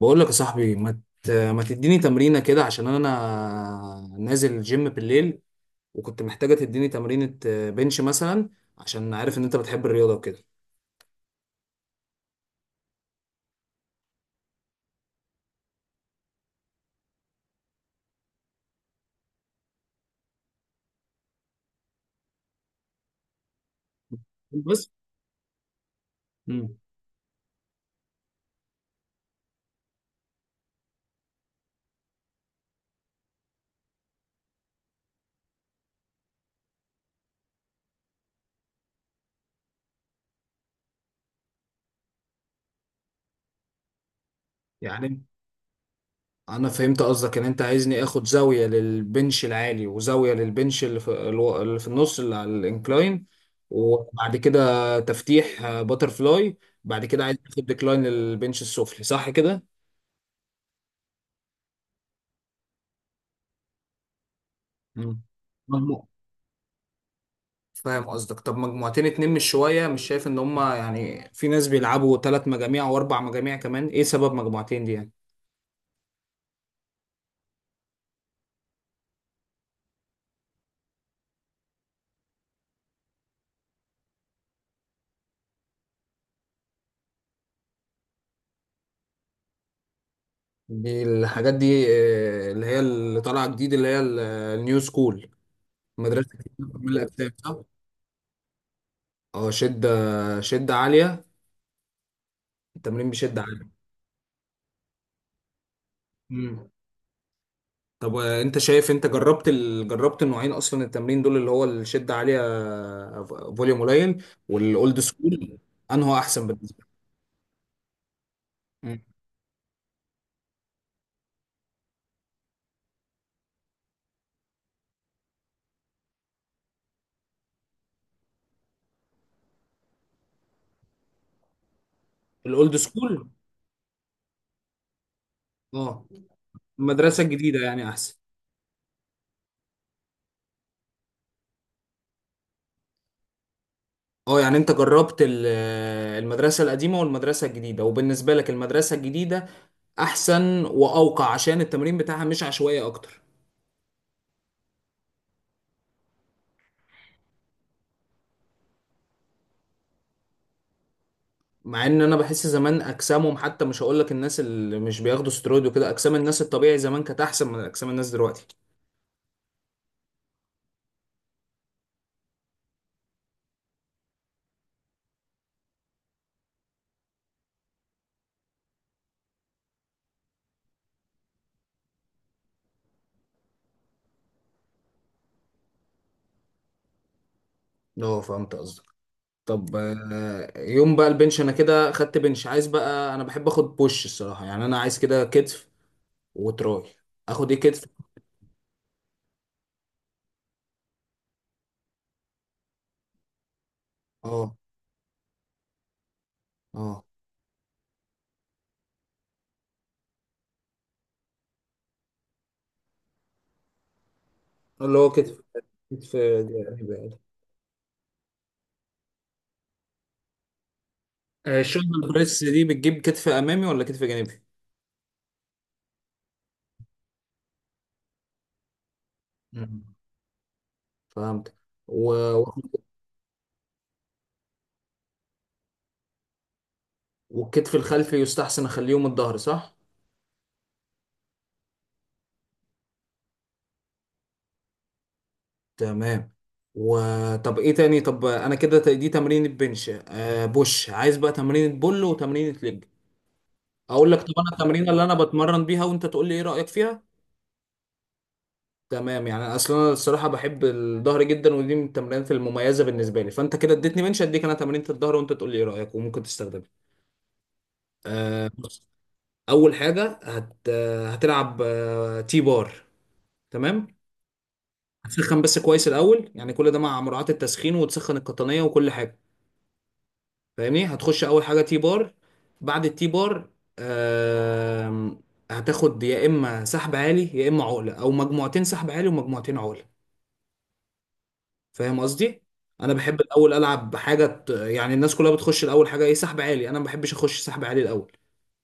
بقول لك يا صاحبي ما تديني تمرينة كده عشان انا نازل الجيم بالليل، وكنت محتاجة تديني تمرينة بنش مثلا، عشان عارف ان انت بتحب الرياضة وكده. بس. مم. يعني انا فهمت قصدك ان انت عايزني اخد زاوية للبنش العالي وزاوية للبنش اللي في النص اللي على الانكلاين، وبعد كده تفتيح باتر فلاي، بعد كده عايز اخد ديكلاين للبنش السفلي، صح كده؟ مم. فاهم قصدك. طب مجموعتين اتنين مش شوية؟ مش شايف ان هما، يعني في ناس بيلعبوا تلات مجاميع واربع مجاميع كمان، ايه سبب مجموعتين دي يعني؟ الحاجات دي اللي هي اللي طالعة جديد، اللي هي النيو سكول، مدرسة من الأجسام صح؟ اه، شدة، شدة عالية، التمرين بشدة عالية. مم. طب انت شايف، انت جربت جربت النوعين اصلا، التمرين دول اللي هو الشدة عالية فوليوم قليل، والاولد سكول، انه احسن بالنسبة لك؟ مم. الاولد سكول؟ اه. المدرسة الجديدة يعني أحسن؟ اه يعني أنت جربت المدرسة القديمة والمدرسة الجديدة، وبالنسبة لك المدرسة الجديدة أحسن وأوقع عشان التمرين بتاعها مش عشوائي أكتر. مع إن أنا بحس زمان أجسامهم حتى، مش هقول لك الناس اللي مش بياخدوا سترويد وكده، أجسام الناس الطبيعي زمان كانت أحسن من أجسام الناس دلوقتي. اه فهمت قصدك. طب يوم بقى البنش، أنا كده خدت بنش، عايز بقى، أنا بحب آخد بوش الصراحة، يعني أنا عايز كده كتف وتراي. آخد إيه كتف؟ اه. اه. اللي هو كتف، كتف جانبي يعني؟ البريس دي بتجيب كتف امامي ولا كتف جانبي؟ مم. فهمت. و... والكتف الخلفي يستحسن اخليهم الظهر، صح؟ تمام. وطب ايه تاني؟ طب انا كده دي تمرين البنش آه، بوش، عايز بقى تمرين بول وتمرين ليج. اقول لك، طب انا التمرين اللي انا بتمرن بيها، وانت تقول لي ايه رايك فيها. تمام. يعني اصلا انا الصراحه بحب الظهر جدا، ودي من التمرينات المميزه بالنسبه لي، فانت كده اديتني بنش، اديك انا تمرينة الظهر، وانت تقول لي ايه رايك وممكن تستخدمها. آه، اول حاجه هتلعب تي بار. تمام. هتسخن بس كويس الاول، يعني كل ده مع مراعاه التسخين، وتسخن القطنيه وكل حاجه. فاهمني، هتخش اول حاجه تي بار، بعد التي بار آم، هتاخد يا اما سحب عالي يا اما عقله، او مجموعتين سحب عالي ومجموعتين عقله. فاهم قصدي. انا بحب الاول العب بحاجه يعني الناس كلها بتخش الاول حاجه ايه؟ سحب عالي. انا ما بحبش اخش سحب عالي الاول،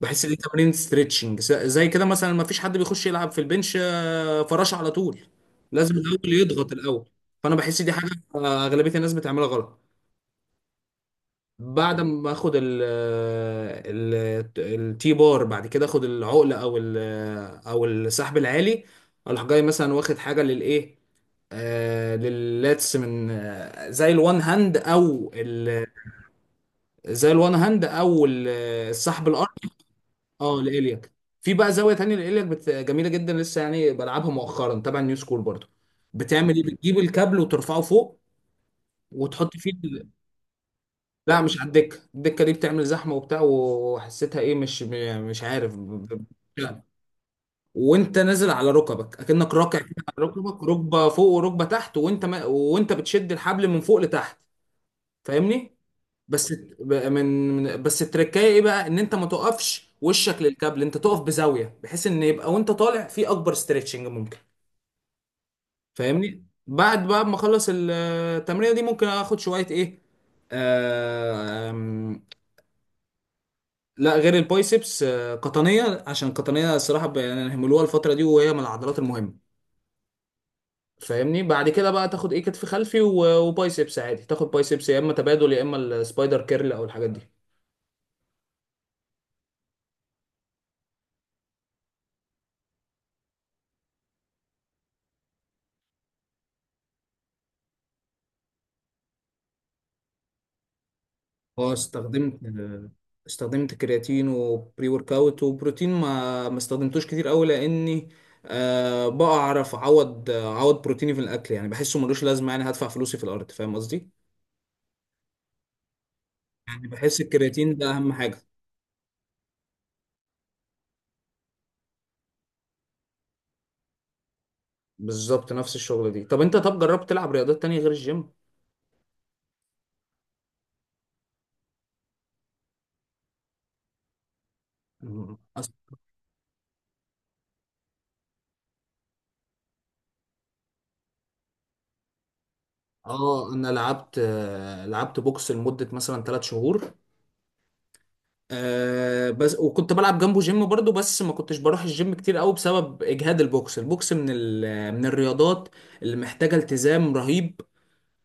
بحس ان دي تمارين ستريتشنج زي كده، مثلا ما فيش حد بيخش يلعب في البنش فراشه على طول، لازم الاول يضغط الاول. فانا بحس دي حاجه اغلبيه الناس بتعملها غلط. بعد ما اخد ال التي بار، بعد كده اخد العقله او السحب العالي، اروح جاي مثلا واخد حاجه للايه، آه لللاتس، من آه زي الوان هاند او ال- زي الوان هاند او ال- السحب الارضي. اه لإلياك. في بقى زاويه تانية لإلياك جميله جدا، لسه يعني بلعبها مؤخرا تبع نيو سكول برضو. بتعمل ايه؟ بتجيب الكابل وترفعه فوق وتحط فيه. لا مش على الدكه، الدكه دي بتعمل زحمه وبتاع، وحسيتها ايه، مش عارف لا. وانت نازل على ركبك اكنك راكع كده، على ركبك، ركبه فوق وركبه تحت، وانت ما وانت بتشد الحبل من فوق لتحت. فاهمني. بس بس التركايه ايه بقى، ان انت ما تقفش وشك للكابل، انت تقف بزاويه بحيث ان يبقى وانت طالع في اكبر ستريتشنج ممكن. فاهمني. بعد بقى ما اخلص التمرينه دي، ممكن اخد شويه ايه. لا غير البايسبس، قطنيه، عشان قطنيه الصراحه يعني هيعملوها الفتره دي، وهي من العضلات المهمه. فاهمني. بعد كده بقى تاخد ايه، كتف خلفي وبايسبس عادي، تاخد بايسبس يا اما تبادل، يا اما السبايدر كيرل او الحاجات دي. اه استخدمت، استخدمت كرياتين وبري ورك اوت وبروتين. ما استخدمتوش كتير قوي، لاني أه بعرف اعوض، بروتيني في الاكل، يعني بحسه ملوش لازمه، يعني هدفع فلوسي في الارض، فاهم قصدي. يعني بحس الكرياتين ده اهم حاجه. بالظبط نفس الشغلة دي. طب انت، طب جربت تلعب رياضات تانية غير الجيم؟ مم. أص- اه انا لعبت، لعبت بوكس لمدة مثلا ثلاث شهور، آه بس، وكنت بلعب جنبه جيم برضو، بس ما كنتش بروح الجيم كتير قوي بسبب اجهاد البوكس. البوكس من من الرياضات اللي محتاجة التزام رهيب،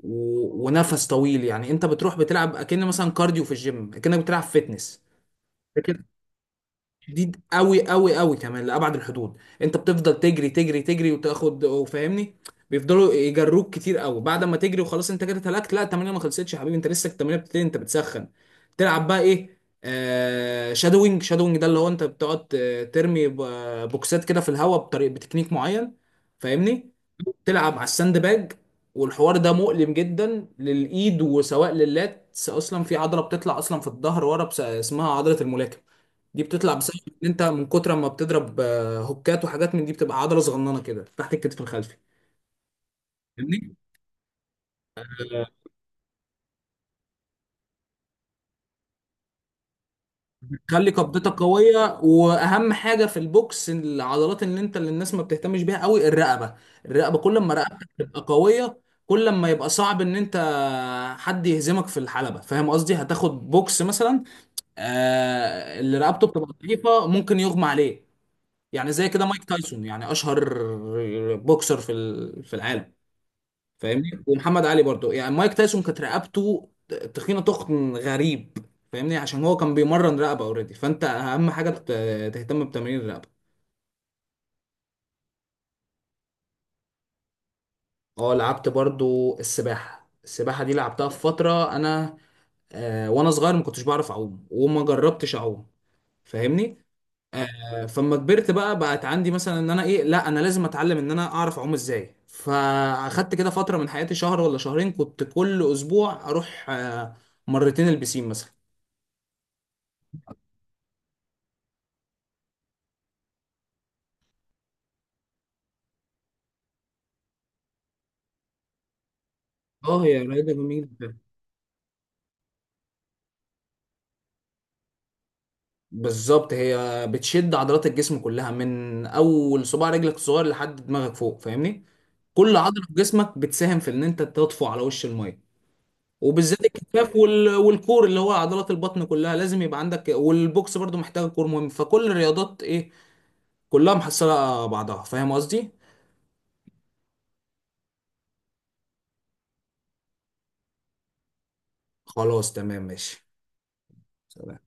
و... ونفس طويل، يعني انت بتروح بتلعب اكن مثلا كارديو في الجيم، اكنك بتلعب فيتنس شديد قوي، كمان لأبعد الحدود. انت بتفضل تجري وتاخد وفاهمني، بيفضلوا يجروك كتير قوي. بعد ما تجري وخلاص انت كده اتهلكت، لا التمرين ما خلصتش يا حبيبي، انت لسه التمرين بتبتدي، انت بتسخن. تلعب بقى ايه آه شادوينج. شادوينج ده اللي هو انت بتقعد ترمي بوكسات كده في الهواء بطريقه بتكنيك معين. فاهمني. تلعب على الساند باج، والحوار ده مؤلم جدا للايد، وسواء لللات اصلا، في عضله بتطلع اصلا في الظهر ورا اسمها عضله الملاكم، دي بتطلع بسبب ان انت من كتر ما بتضرب هوكات وحاجات من دي، بتبقى عضله صغننه كده تحت الكتف الخلفي. فاهمني. بتخلي قبضتك قويه، واهم حاجه في البوكس العضلات اللي انت، اللي الناس ما بتهتمش بيها قوي، الرقبه. الرقبه كل ما رقبتك تبقى قويه كل ما يبقى صعب ان انت حد يهزمك في الحلبه، فاهم قصدي. هتاخد بوكس مثلا، آه اللي رقبته بتبقى ضعيفه ممكن يغمى عليه. يعني زي كده مايك تايسون، يعني اشهر بوكسر في في العالم، فاهمني، ومحمد علي برضو. يعني مايك تايسون كانت رقبته تخينه، تخن غريب، فاهمني، عشان هو كان بيمرن رقبه اوريدي. فانت اهم حاجه تهتم بتمرين الرقبه. اه لعبت برضو السباحه. السباحه دي لعبتها في فتره، انا آه وانا صغير ما كنتش بعرف اعوم، وما جربتش اعوم، فاهمني. آه فما كبرت بقى، بقت عندي مثلا ان انا ايه، لا انا لازم اتعلم ان انا اعرف اعوم ازاي، فاخدت كده فتره من حياتي، شهر ولا شهرين، كنت كل اسبوع اروح آه مرتين البسين مثلا. اه هي رياضة جميلة. بالظبط، هي بتشد عضلات الجسم كلها من اول صباع رجلك الصغير لحد دماغك فوق، فاهمني. كل عضلة في جسمك بتساهم في ان انت تطفو على وش المية، وبالذات الكتاف وال... والكور اللي هو عضلات البطن، كلها لازم يبقى عندك، والبوكس برضو محتاجة كور مهم، فكل الرياضات ايه، كلها محصلة على بعضها، فاهم قصدي. خلاص تمام ماشي، سلام.